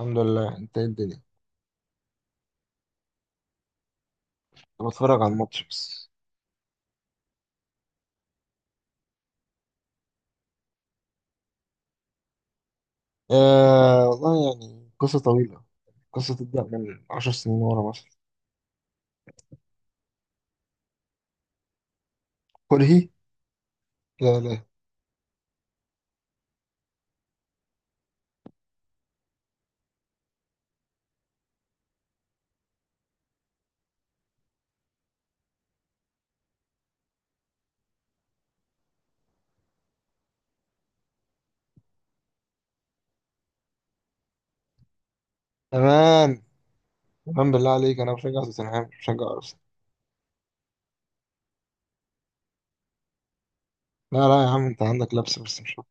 الحمد لله. انت ايه الدنيا؟ انا بتفرج على الماتش بس. آه، والله يعني قصة طويلة. قصة تبدأ من عشر سنين ورا مثلا. كرهي؟ لا، لا. تمام، تمام، بالله عليك، انا بشجع توتنهام مش بشجع ارسنال؟ لا لا يا عم، انت عندك لبس بس مش أكتر.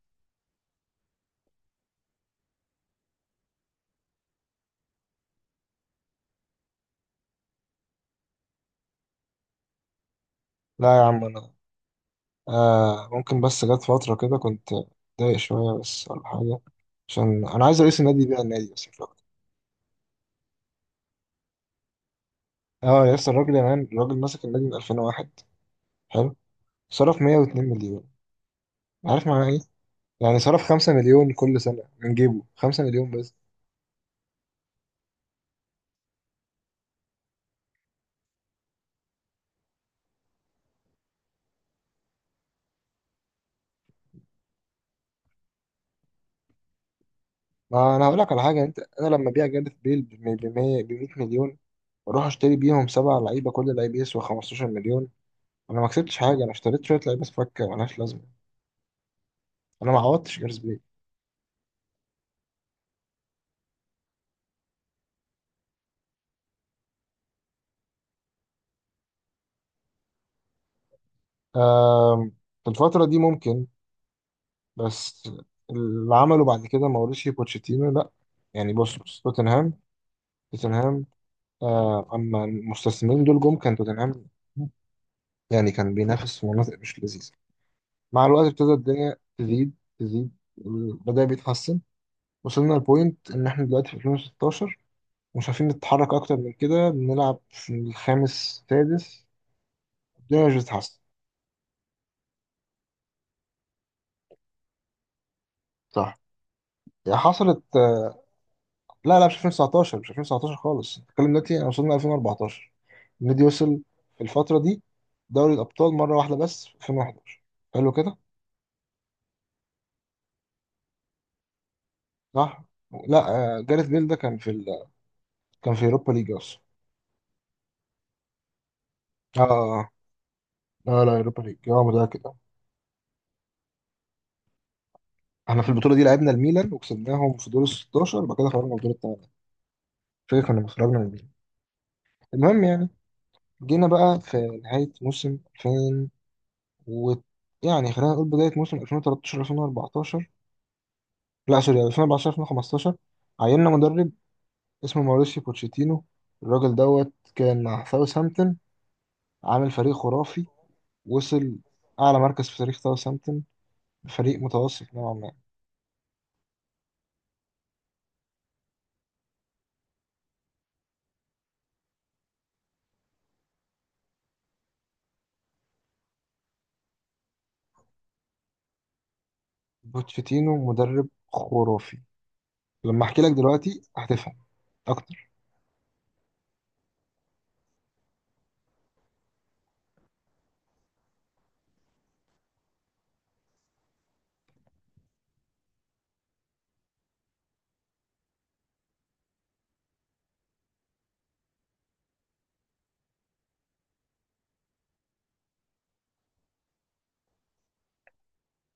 لا يا عم انا، آه ممكن، بس جت فترة كده كنت متضايق شوية بس، ولا حاجة. عشان انا عايز رئيس النادي يبيع النادي بس مش أكتر. اه، يا اسطى الراجل يا مان، الراجل ماسك النادي من 2001. حلو. صرف 102 مليون. عارف معناه؟ يعني صرف 5 مليون كل سنة، من جيبه 5 مليون بس. ما أنا هقول لك على حاجة. أنت، أنا لما أبيع جاريث بيل ب 100 مليون، وأروح أشتري بيهم سبع لعيبة كل لعيب يسوى 15 مليون، أنا ما كسبتش حاجة. أنا اشتريت شوية لعيبة فكة ملهاش لازمة. أنا ما عوضتش جاريث بيل. آم، في الفترة دي ممكن، بس اللي عمله بعد كده ماوريسيو بوتشيتينو، لأ. يعني بص بص, توتنهام، توتنهام، أما المستثمرين دول جم، كان توتنهام يعني كان بينافس في مناطق مش لذيذة. مع الوقت ابتدى الدنيا تزيد، تزيد، بدأ بيتحسن. وصلنا لبوينت إن إحنا دلوقتي في 2016 مش عارفين نتحرك أكتر من كده، بنلعب في الخامس سادس. الدنيا مش بتتحسن. صح، هي حصلت. لا لا، مش 2019، مش 2019 خالص. الكلام دلوقتي أنا وصلنا 2014. النادي وصل في الفترة دي دوري الأبطال مرة واحدة بس في 2011. حلو كده. صح. لا، جاريث بيل ده كان في كان في يوروبا ليج أصلا. اه, لا لا، يوروبا ليج، اه، متأكد. احنا في البطوله دي لعبنا الميلان وكسبناهم في دور ال 16، وبعد كده خرجنا الدور الثمانيه. فاكر كنا خرجنا من الميلان. المهم يعني، جينا بقى في نهايه موسم 2000 و، يعني خلينا نقول بدايه موسم 2013 2014. لا سوري، 2014 2015 عيننا مدرب اسمه ماوريسيو بوتشيتينو. الراجل دوت كان مع ساوثهامبتون عامل فريق خرافي. وصل اعلى مركز في تاريخ ساوثهامبتون. فريق متوسط نوعا ما. بوتشيتينو مدرب خرافي. لما احكي لك دلوقتي هتفهم.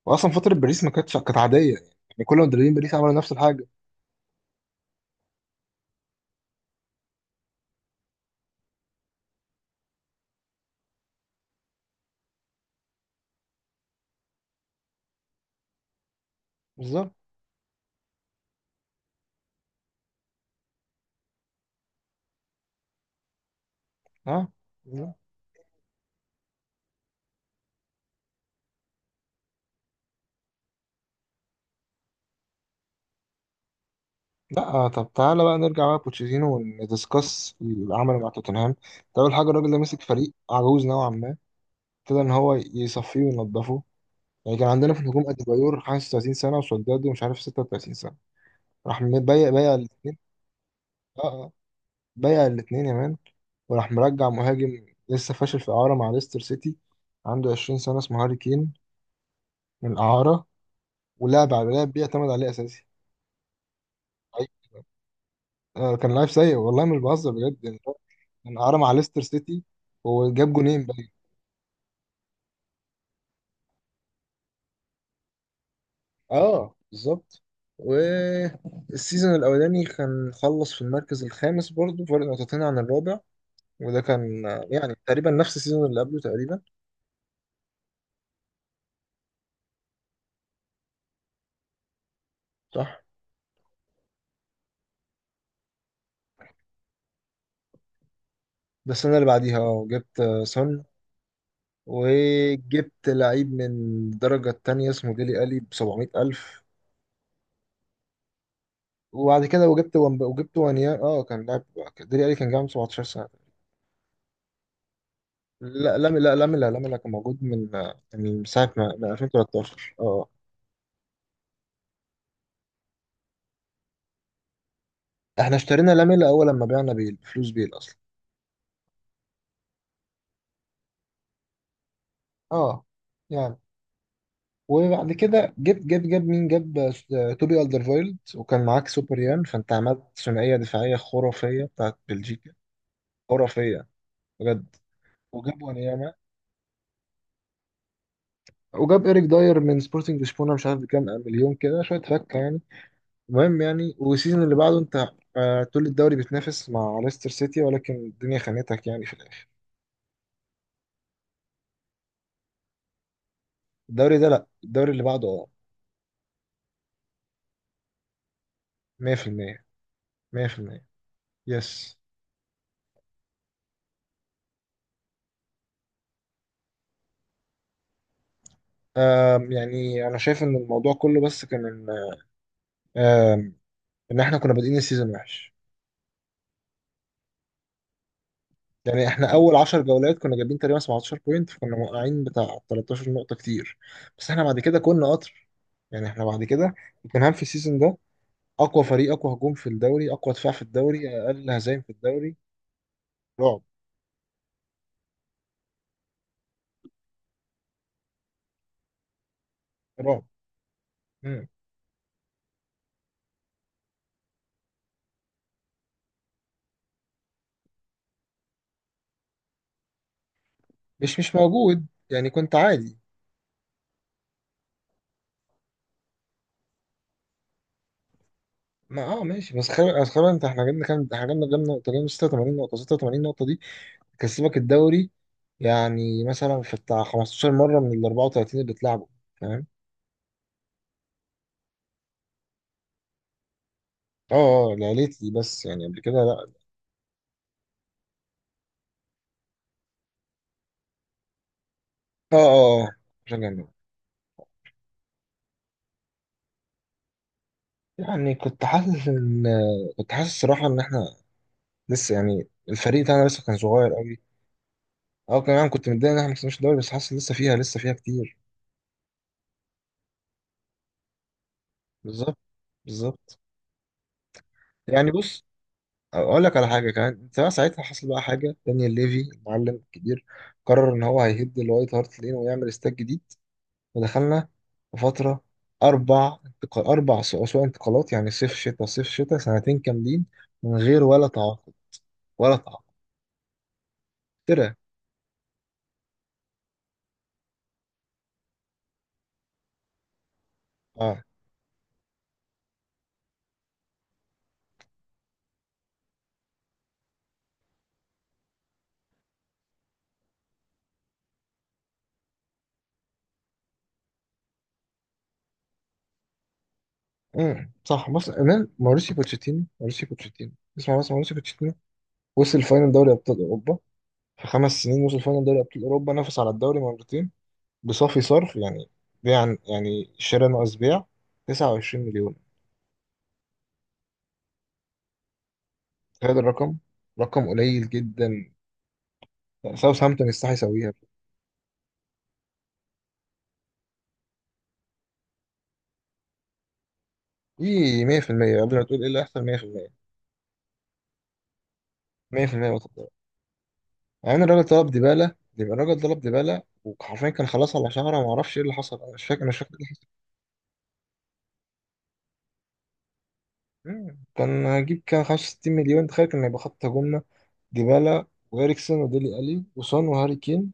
واصلا فتره باريس ما كانتش، كانت عاديه يعني كل مدربين باريس عملوا نفس الحاجه. بالظبط. ها. بالظبط. لا، طب تعالى بقى نرجع بقى لبوتشيتينو وندiscuss اللي عمله مع توتنهام. ده أول حاجة، الراجل ده مسك فريق عجوز نوعا ما. ابتدى إن هو يصفيه وينضفه. يعني كان عندنا في الهجوم أديبايور 35 سنة، وسولداد ومش عارف 36 سنة. راح بايع الاتنين. اه, بايع الاتنين يا مان. وراح مرجع مهاجم لسه فاشل في إعارة مع ليستر سيتي، عنده 20 سنة، اسمه هاري كين، من الإعارة، ولعب على لاعب بيعتمد عليه أساسي. أي- كان لاعب سيء والله، مش بهزر بجد، يعني هو كان عارة مع ليستر سيتي وجاب جونين باين. اه بالظبط. والسيزون الاولاني كان خلص في المركز الخامس برضه، فرق نقطتين عن الرابع. وده كان يعني تقريبا نفس السيزون اللي قبله تقريبا. صح. بس انا اللي بعديها اه جبت، سون، وجبت لعيب من الدرجة التانية اسمه ديلي ألي بسبعمية ألف. وبعد كده وجبت وانيا. اه كان لاعب. ديلي ألي كان جاي عنده 17 سنة. لا، لاملا، لاملا، لاملا كان موجود من، ساعة ما، من 2013 اه. احنا اشترينا لاملا اول لما بعنا بيل، فلوس بيل اصلا. اه، يعني. وبعد كده جبت جاب جاب مين جاب توبي الدرفايلد، وكان معاك سوبر يان فانت. عملت ثنائية دفاعية خرافية بتاعت بلجيكا. خرافية بجد. وجاب ونياما، وجاب إيريك داير من سبورتنج لشبونة، مش عارف بكام مليون، كده شوية فكة يعني. المهم يعني، والسيزون اللي بعده انت طول الدوري بتنافس مع ليستر سيتي، ولكن الدنيا خانتك يعني في الآخر. الدوري ده؟ لا، الدوري اللي بعده. اه، 100%. 100%. يس. يعني انا شايف ان الموضوع كله بس كان ان، آم ان احنا كنا بادئين السيزون وحش. يعني احنا اول 10 جولات كنا جايبين تقريبا 17 بوينت، فكنا موقعين بتاع 13 نقطة كتير. بس احنا بعد كده كنا قطر. يعني احنا بعد كده، توتنهام في السيزون ده اقوى فريق، اقوى هجوم في الدوري، اقوى دفاع في الدوري، اقل هزايم في الدوري. رعب، رعب. مم. مش موجود يعني، كنت عادي. ما اه ماشي، بس خير بس خير. انت احنا جبنا كام؟ احنا جبنا، نقطة، جبنا 86 نقطة. 86 نقطة دي تكسبك الدوري يعني، مثلا في بتاع 15 مرة من ال 34 اللي اتلعبوا. فاهم؟ اه اه, لا ليت لي بس، يعني قبل كده لا. اه, عشان جنب. يعني كنت حاسس ان، كنت حاسس الصراحة ان احنا لسه يعني، الفريق بتاعنا لسه كان صغير قوي. اه، كمان كنت متضايق ان احنا ما كسبناش الدوري، بس حاسس لسه فيها، لسه فيها كتير. بالظبط. بالظبط. يعني بص، اقول لك على حاجه كمان. انت بقى ساعتها حصل بقى حاجه، دانيال ليفي المعلم الكبير قرر ان هو هيهد الوايت هارت لين ويعمل استاد جديد. ودخلنا في فتره اربع انتقال اربع سو- اسوق انتقالات، يعني صيف شتاء صيف شتاء، سنتين كاملين من غير ولا تعاقد. ولا تعاقد. ترى. اه. صح. بص، امام ماuriسيو بوتشيتينو، ماuriسيو بوتشيتينو، اسمع بس، ماuriسيو بوتشيتينو وصل فاينل دوري ابطال اوروبا. في خمس سنين وصل فاينل دوري ابطال اوروبا، نافس على الدوري مرتين، بصافي صرف، يعني بيع، يعني شراء ناقص بيع، 29 مليون. تخيل الرقم. رقم قليل جدا، ساوثهامبتون يستحي يسويها. ايه، 100%. قبل ما تقول ايه اللي هيحصل، 100%. 100% نقطة ضرر. يعني الراجل طلب ديبالا، يبقى الراجل طلب ديبالا، وحرفيا كان خلاص على شهرة، ما اعرفش ايه اللي حصل، انا مش فاكر ايه اللي حصل. مم. كان هجيب كان 65 مليون. تخيل كان هيبقى خط هجومنا ديبالا وإريكسون وديلي ألي وسون وهاري كين.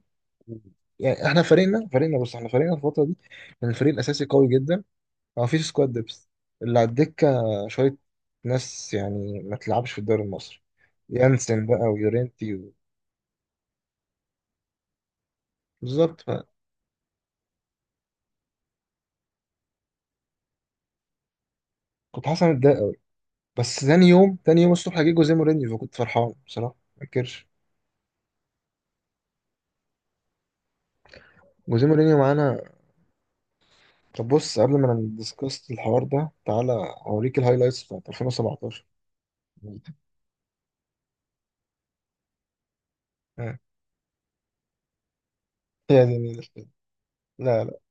يعني احنا فريقنا بص، احنا فريقنا الفترة دي كان الفريق الأساسي قوي جدا. ما فيش سكواد ديبث، اللي على الدكة شوية ناس يعني ما تلعبش في الدوري المصري. يانسن بقى ويورينتي و... بالظبط بقى. كنت حاسس إن أنا متضايق أوي. بس تاني يوم، تاني يوم الصبح جه جوزيه مورينيو، فكنت فرحان بصراحة ما انكرش. جوزيه مورينيو معانا. طب بص، قبل ما ندسكس الحوار ده، تعالى أوريك الهايلايتس بتاعت 2017. ها. هي دي النيلة. لا. لا.